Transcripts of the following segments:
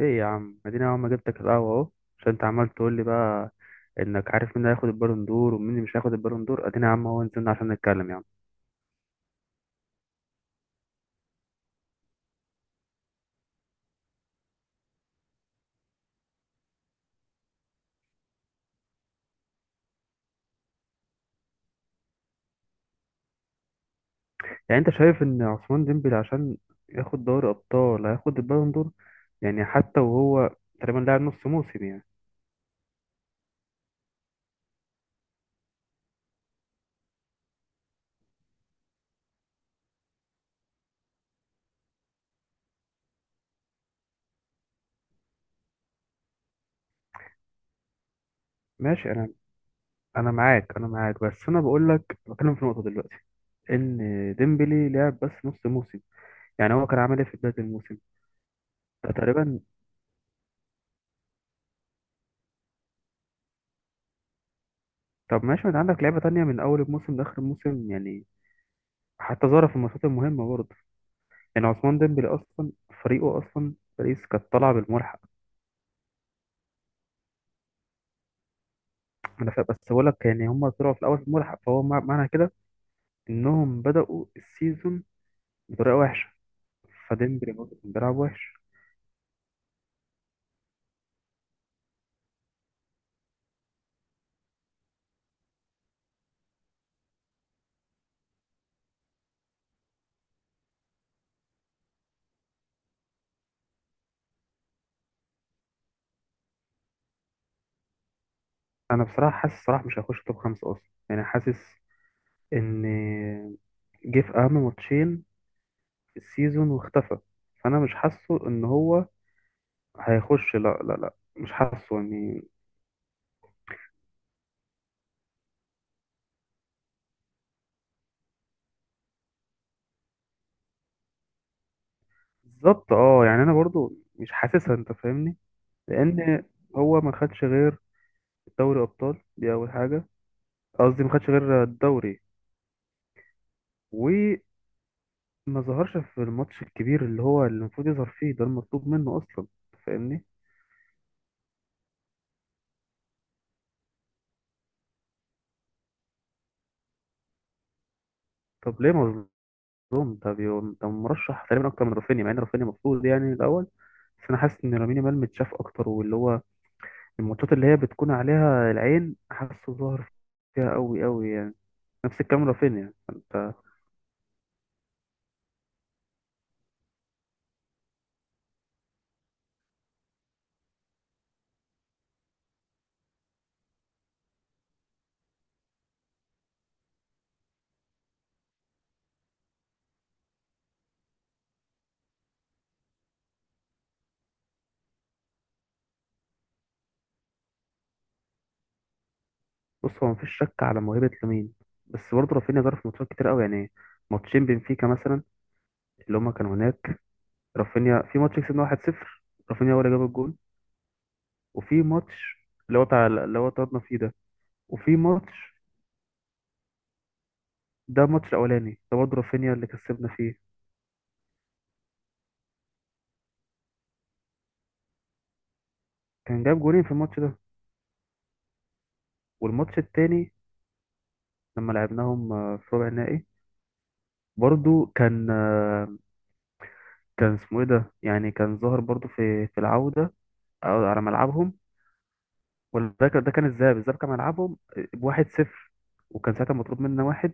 ايه يا عم، اديني. اول ما جبتك القهوه اهو، عشان انت عمال تقول لي بقى انك عارف مين هياخد البالون دور ومين اللي مش هياخد البالون دور. اديني يا عم اهو، نزلنا عشان نتكلم يعني. يعني انت شايف ان عثمان ديمبلي عشان ياخد دوري ابطال هياخد البالون دور؟ يعني حتى وهو تقريبا لاعب نص موسم يعني. ماشي. انا معاك، بس انا بقول لك، بتكلم في نقطه دلوقتي ان ديمبلي لعب بس نص موسم. يعني هو كان عامل ايه في بدايه الموسم ده تقريبا؟ طب ماشي، ما انت عندك لعيبه تانية من اول الموسم لاخر الموسم يعني، حتى ظهر في الماتشات المهمة برضه. يعني عثمان ديمبلي أصلا، فريقه أصلا باريس كانت طالعة بالملحق. بس بقول لك، يعني هم طلعوا في الأول بالملحق، فهو معنى كده إنهم بدأوا السيزون بطريقة وحشة. فديمبلي برضه كان بيلعب وحش. أنا بصراحة حاسس صلاح مش هيخش توب خمسة أصلا، يعني حاسس إن جه في أهم ماتشين في السيزون واختفى. فأنا مش حاسه إن هو هيخش، لا لا لا مش حاسه يعني. بالظبط اه. يعني أنا برضه مش حاسسها، أنت فاهمني؟ لان هو ما خدش غير دوري ابطال، دي اول حاجه. قصدي ما خدش غير الدوري، وما ظهرش في الماتش الكبير اللي هو اللي المفروض يظهر فيه، ده المطلوب منه اصلا. فاهمني؟ طب ليه مظلوم؟ ده مرشح تقريبا اكتر من رافينيا، مع ان رافينيا المفروض يعني الاول. بس انا حاسس ان لامين يامال متشاف اكتر، واللي هو الماتشات اللي هي بتكون عليها العين حاسه ظهر فيها قوي قوي يعني. نفس الكلام رافينيا انت. بص، هو مفيش شك على موهبة لامين، بس برضه رافينيا جرى في ماتشات كتير قوي يعني. ماتشين بنفيكا مثلا، اللي هما كانوا هناك، رافينيا في ماتش كسبنا 1-0، رافينيا هو اللي جاب الجول. وفي ماتش اللي هو بتاع اللي هو طردنا فيه ده. وفي ماتش، ده الماتش الأولاني ده برضه رافينيا اللي كسبنا فيه، كان جاب جولين في الماتش ده. والماتش التاني لما لعبناهم في ربع النهائي، برضه كان، كان اسمه ايه ده يعني، كان ظاهر برضه في العودة أو على ملعبهم. وده كان الذهاب كان ملعبهم بواحد صفر، وكان ساعتها مطلوب منا واحد،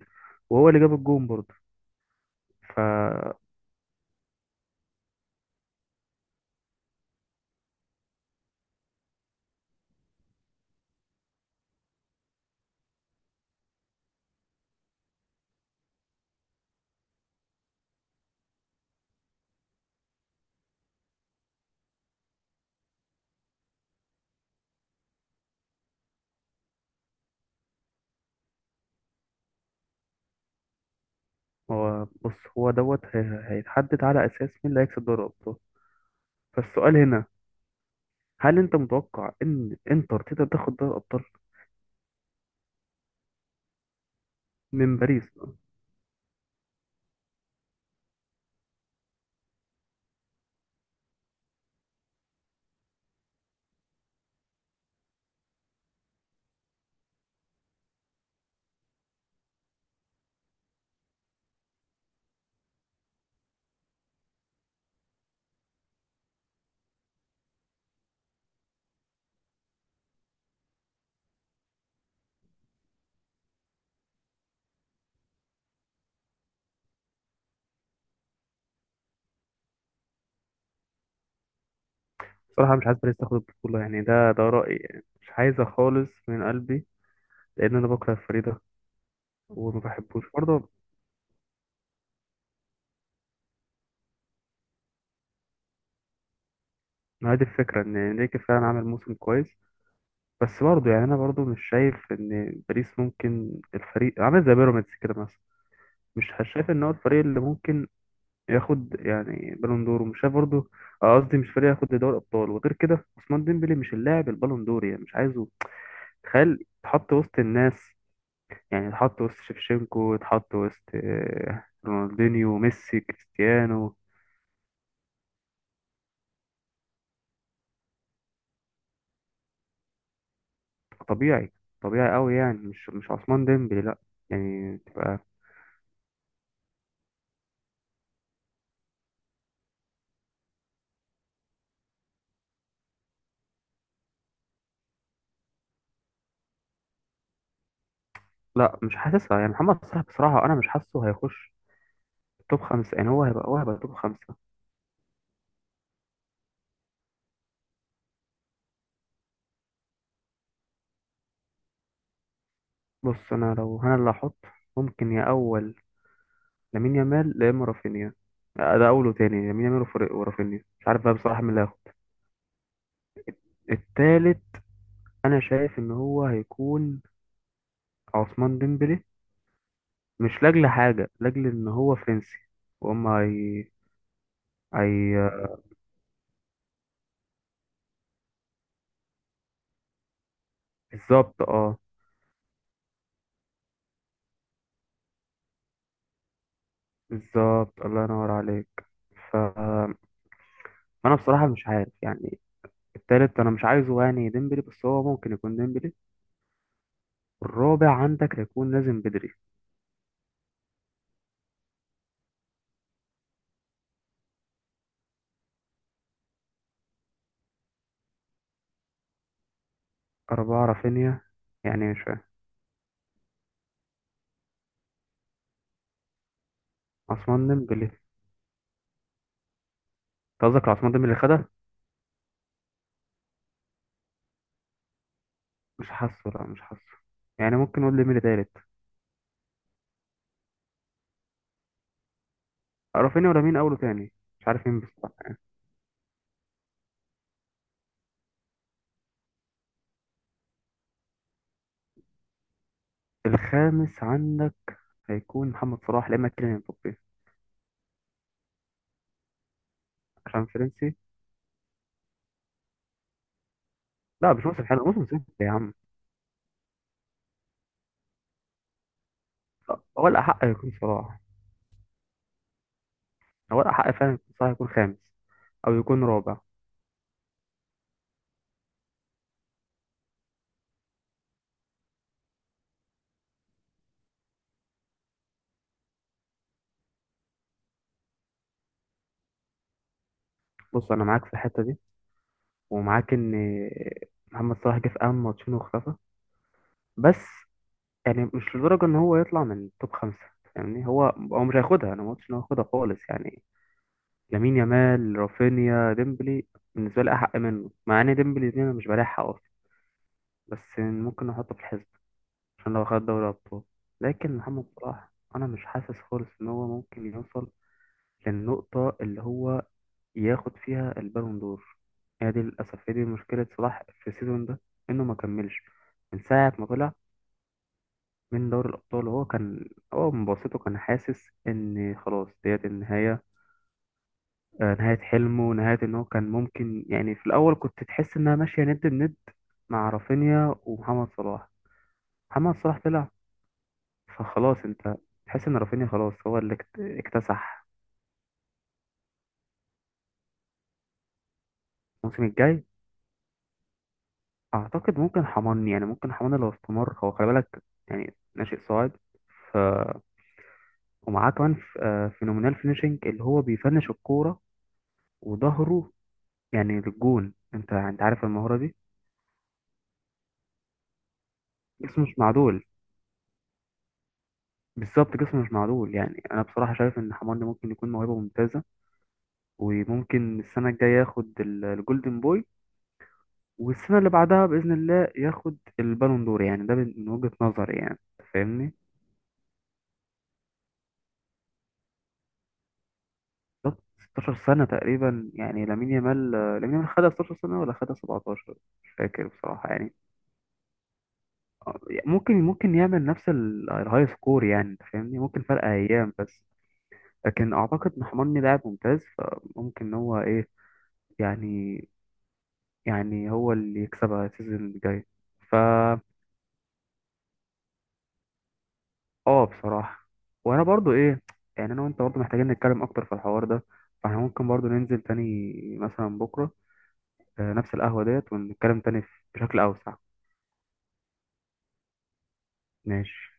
وهو اللي جاب الجون برضه. ف هو بص، هيتحدد على اساس مين اللي هيكسب دوري الابطال. فالسؤال هنا، هل انت متوقع ان انتر تقدر تاخد دوري الابطال من باريس؟ بصراحه مش عايز باريس تاخد البطوله يعني، ده رايي يعني، مش عايزه خالص من قلبي. لان انا بكره الفريق ده، وما بحبوش برضه. ما هي دي الفكره، ان انريكي فعلا عمل موسم كويس. بس برضه يعني انا برضه مش شايف ان باريس ممكن، الفريق عامل زي بيراميدز كده مثلا. مش شايف ان هو الفريق اللي ممكن ياخد يعني بالون دور، ومش شايف برضه، قصدي مش فريق ياخد دوري ابطال. وغير كده عثمان ديمبلي مش اللاعب البالون دور يعني، مش عايزه تخيل يتحط وسط الناس. يعني يتحط وسط شيفشينكو، يتحط وسط رونالدينيو، ميسي، كريستيانو. طبيعي، طبيعي قوي يعني، مش عثمان ديمبلي لا. يعني تبقى. لا مش حاسسها يعني محمد صلاح بصراحة، أنا مش حاسه هيخش توب خمسة. يعني هو هيبقى توب خمسة. بص أنا، لو أنا اللي هحط، ممكن يا أول لامين يامال يا إما رافينيا. لا، ده أول وتاني لامين يامال ورافينيا، مش عارف بقى بصراحة مين اللي هياخد. التالت أنا شايف إن هو هيكون عثمان ديمبلي، مش لأجل حاجة، لأجل إن هو فرنسي وهم، هي بالظبط اه. بالظبط، الله ينور عليك. ف أنا بصراحة مش عارف يعني، التالت أنا مش عايزه يعني ديمبلي، بس هو ممكن يكون ديمبلي. الرابع عندك هيكون لازم بدري. أربعة رافينيا؟ يعني مش فاهم. عثمان ديمبلي أنت؟ قصدك على عثمان ديمبلي اللي خدها؟ مش حاسه، لا مش حاسه. يعني ممكن نقول ديمبلي تالت. رافينيا ولا مين أول وتاني؟ مش عارف مين بصراحة. الخامس عندك هيكون محمد صلاح لا إما كيليان امبابي. عشان فرنسي. لا مش موسم حلو، موسم سيء يا عم. هو الأحق يكون صلاح، هو الأحق فعلا يكون صلاح، يكون خامس أو يكون رابع. بص أنا معاك في الحتة دي، ومعاك إن محمد صلاح جه في أهم ماتشين واختفى، بس يعني مش لدرجة إن هو يطلع من توب خمسة. يعني هو مش هياخدها، أنا ما قلتش إن هو هياخدها خالص يعني. لامين يامال، رافينيا، ديمبلي بالنسبة لي أحق منه، مع إن ديمبلي دي أنا مش بريح حقه أصلا. بس ممكن أحطه في الحزب عشان لو خد دوري أبطال. لكن محمد صلاح، أنا مش حاسس خالص إن هو ممكن يوصل للنقطة اللي هو ياخد فيها البالون دور. هي دي للأسف هي دي مشكلة صلاح في السيزون ده، إنه ما كملش من ساعة ما طلع من دوري الأبطال. هو من بسيطه كان حاسس إن خلاص ديت النهاية، نهاية حلمه، نهاية إن هو كان ممكن. يعني في الأول كنت تحس إنها ماشية ند بند مع رافينيا ومحمد صلاح. محمد صلاح طلع، فخلاص أنت تحس إن رافينيا خلاص هو اللي اكتسح. الموسم الجاي أعتقد ممكن حماني، يعني ممكن حماني لو استمر هو. خلي بالك يعني، ناشئ صاعد. ف ومعاه كمان فينومينال فينيشنج، اللي هو بيفنش الكورة وظهره يعني للجون. انت عارف المهارة دي. جسمه مش معدول. بالظبط جسمه مش معدول، يعني انا بصراحة شايف ان حماني ممكن يكون موهبة ممتازة، وممكن السنة الجاية ياخد الجولدن بوي، والسنة اللي بعدها بإذن الله ياخد البالون دور. يعني ده من وجهة نظري يعني، انت فاهمني؟ طب 16 سنة تقريبا، يعني لامين يامال خدها 16 سنة ولا خدها 17، مش فاكر بصراحة يعني. آه، ممكن يعمل نفس الهاي سكور يعني، انت فاهمني؟ ممكن فرق ايام بس. لكن اعتقد محمدني لاعب ممتاز، فممكن إن هو ايه يعني يعني هو اللي يكسبها السيزون اللي جاي. فا اه بصراحة، وانا برضو ايه، يعني انا وانت برضو محتاجين نتكلم اكتر في الحوار ده. فاحنا ممكن برضو ننزل تاني مثلا بكرة، نفس القهوة ديت، ونتكلم تاني بشكل اوسع. ماشي.